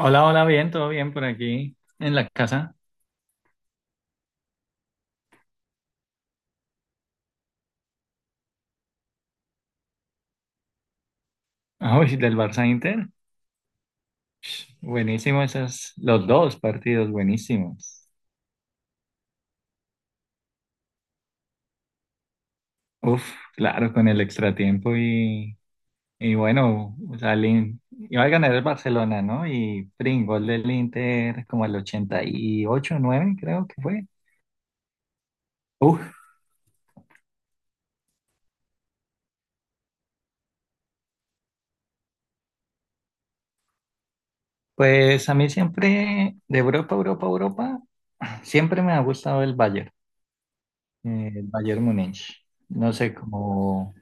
Hola, hola, bien, todo bien por aquí en la casa. Ah, uy, del Barça Inter. Buenísimo esos, los dos partidos, buenísimos. Uf, claro, con el extratiempo y bueno, o sea, iba a ganar el Barcelona, ¿no? Gol del Inter como el 88, 89 creo que fue. Uf, pues a mí siempre, de Europa, Europa, Europa, siempre me ha gustado el Bayern Múnich. No sé cómo.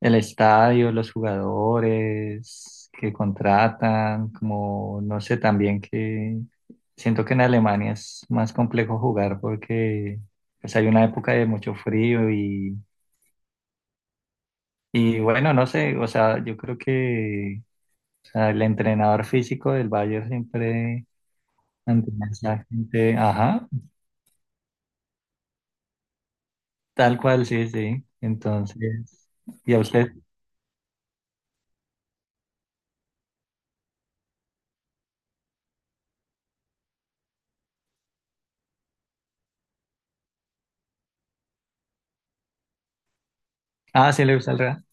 El estadio, los jugadores que contratan, como no sé, también que siento que en Alemania es más complejo jugar porque pues, hay una época de mucho frío y bueno, no sé, o sea, yo creo que o sea, el entrenador físico del Bayern siempre mantiene a esa gente, ajá, tal cual, sí, sí. Entonces, ¿y a usted? Ah, sí le gusta el Real,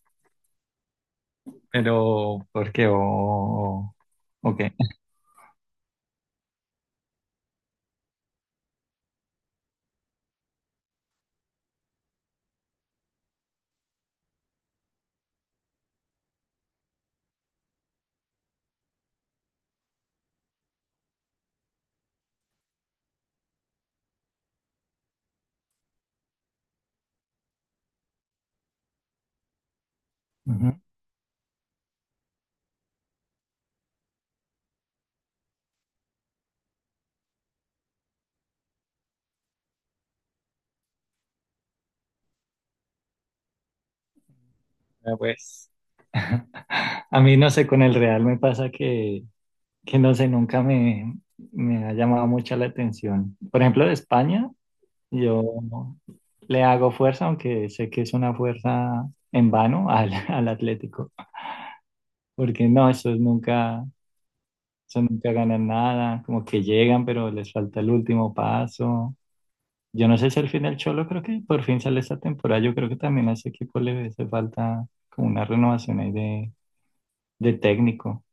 pero ¿por qué? ¿O qué? Ujú. Ah, pues a mí no sé, con el Real me pasa que no sé, nunca me ha llamado mucho la atención. Por ejemplo, de España, yo le hago fuerza, aunque sé que es una fuerza en vano al Atlético, porque no, esos nunca ganan nada, como que llegan, pero les falta el último paso. Yo no sé si al final Cholo creo que por fin sale esta temporada, yo creo que también a ese equipo le hace falta como una renovación ahí de técnico.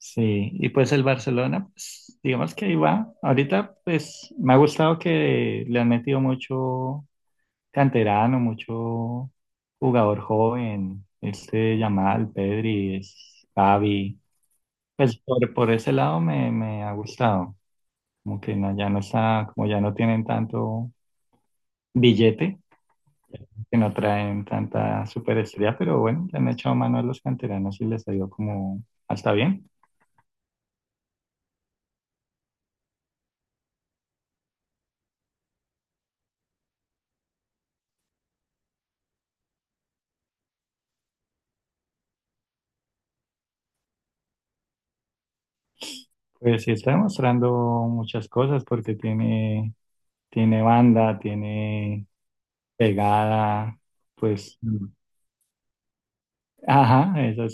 Sí, y pues el Barcelona, pues, digamos que ahí va. Ahorita, pues me ha gustado que le han metido mucho canterano, mucho jugador joven, este Yamal, Pedri, Gavi. Pues por ese lado me ha gustado. Como que ya no está, como ya no tienen tanto billete, que no traen tanta superestrella, pero bueno, le han echado mano a los canteranos y les ha ido como hasta bien. Pues sí está demostrando muchas cosas porque tiene, tiene banda, tiene pegada, pues, ajá, eso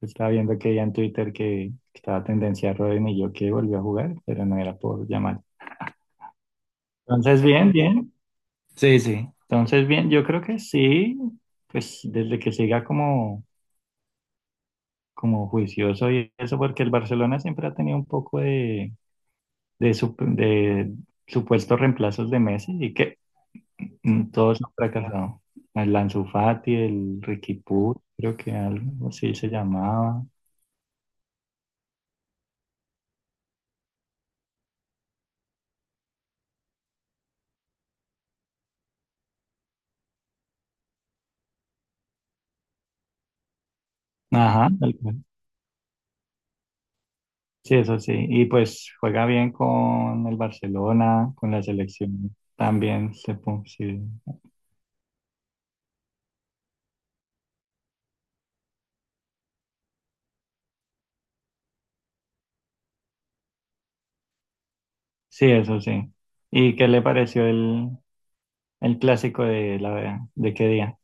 estaba viendo que ya en Twitter que estaba tendencia a Rodri y yo que volvió a jugar, pero no era por llamar. Entonces, bien, bien. Sí, sí. Entonces, bien, yo creo que sí, pues desde que siga como juicioso y eso, porque el Barcelona siempre ha tenido un poco de supuestos reemplazos de Messi y que todos han fracasado. El Ansu Fati, el Ricky Puig, creo que algo así se llamaba. Ajá, tal cual. Sí, eso sí. Y pues juega bien con el Barcelona, con la selección. También sí. Sí, eso sí. ¿Y qué le pareció el clásico de la de qué día?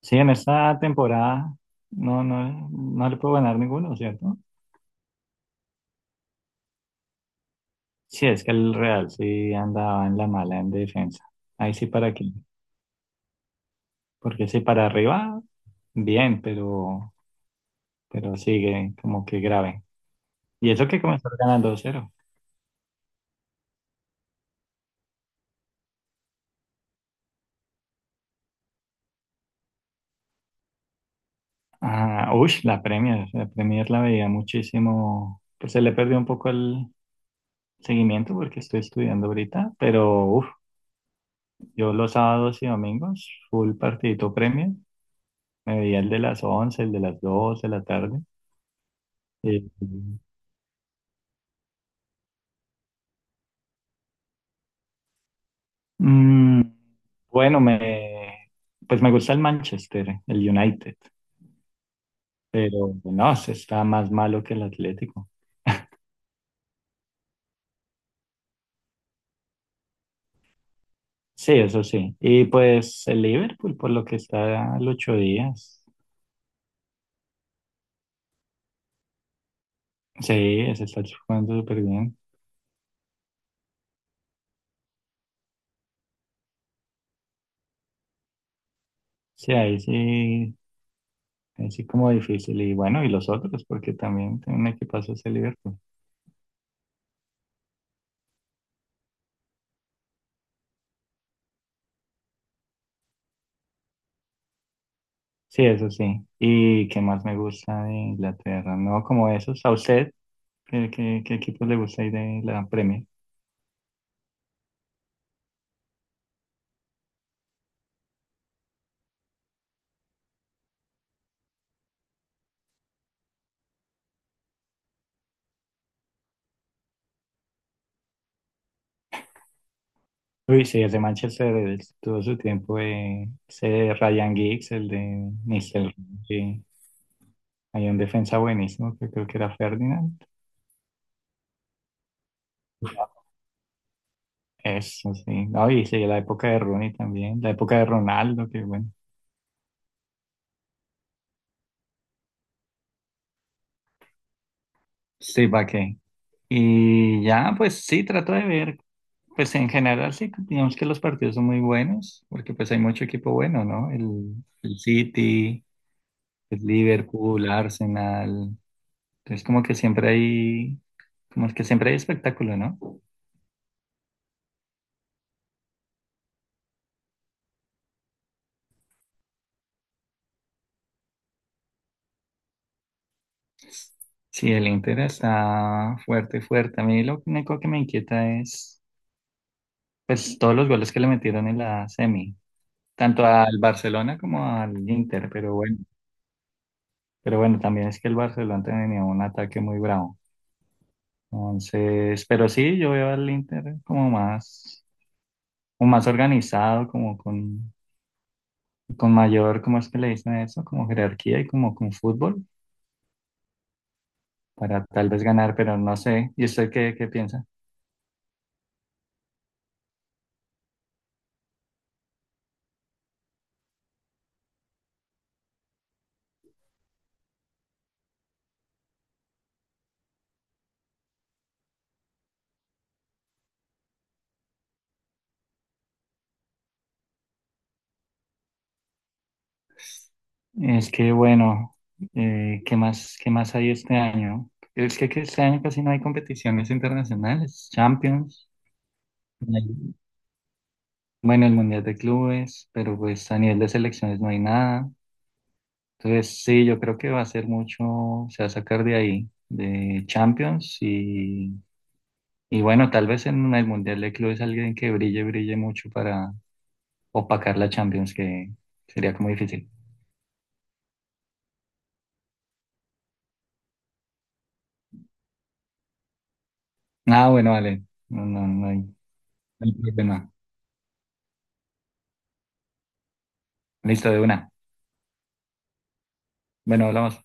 Sí, en esta temporada no, no, no le puedo ganar ninguno, ¿cierto? Sí, es que el Real sí andaba en la mala en defensa. Ahí sí para qué. Porque si para arriba, bien, pero sigue como que grave. Y eso que comenzó ganando cero 0. Ah, uy, la Premier, la Premier la veía muchísimo. Pues se le perdió un poco el seguimiento porque estoy estudiando ahorita, pero uf, yo los sábados y domingos, full partidito Premier, me veía el de las 11 el de las 2 de la tarde. Y, mm, bueno, pues me gusta el Manchester, el United. Pero no, se está más malo que el Atlético. Sí, eso sí. Y pues el Liverpool, por lo que está al ocho días. Sí, se está jugando súper bien. Sí, ahí sí, ahí sí como difícil. Y bueno, y los otros, porque también tiene un equipazo ese Liverpool. Sí, eso sí. ¿Y qué más me gusta de Inglaterra? No, como esos. ¿A usted qué equipo le gusta ahí de la Premier? Uy, sí, el de Manchester, todo su tiempo, ese Ryan Giggs, el de Mr. Hay un defensa buenísimo que creo que era Ferdinand. Eso sí. No, y sí, la época de Rooney también, la época de Ronaldo, que bueno. Sí, ¿para qué? Y ya, pues sí, trato de ver. Pues en general sí, digamos que los partidos son muy buenos, porque pues hay mucho equipo bueno, ¿no? El City, el Liverpool, Arsenal. Entonces como que siempre hay, como es que siempre hay espectáculo, ¿no? Sí, el Inter está fuerte, fuerte. A mí lo único que me inquieta es pues todos los goles que le metieron en la semi, tanto al Barcelona como al Inter, pero bueno, también es que el Barcelona tenía un ataque muy bravo. Entonces, pero sí, yo veo al Inter como más organizado, como con mayor, ¿cómo es que le dicen eso? Como jerarquía y como con fútbol para tal vez ganar, pero no sé. ¿Y usted qué piensa? Es que bueno, ¿qué más hay este año? Es que este año casi no hay competiciones internacionales, Champions. Bueno, el Mundial de Clubes, pero pues a nivel de selecciones no hay nada. Entonces, sí, yo creo que va a ser mucho, se va a sacar de ahí, de Champions y bueno, tal vez en el Mundial de Clubes alguien que brille, brille mucho para opacar la Champions, que sería como difícil. Ah, bueno, vale, no, no, no hay problema. Listo, de una. Bueno, hablamos.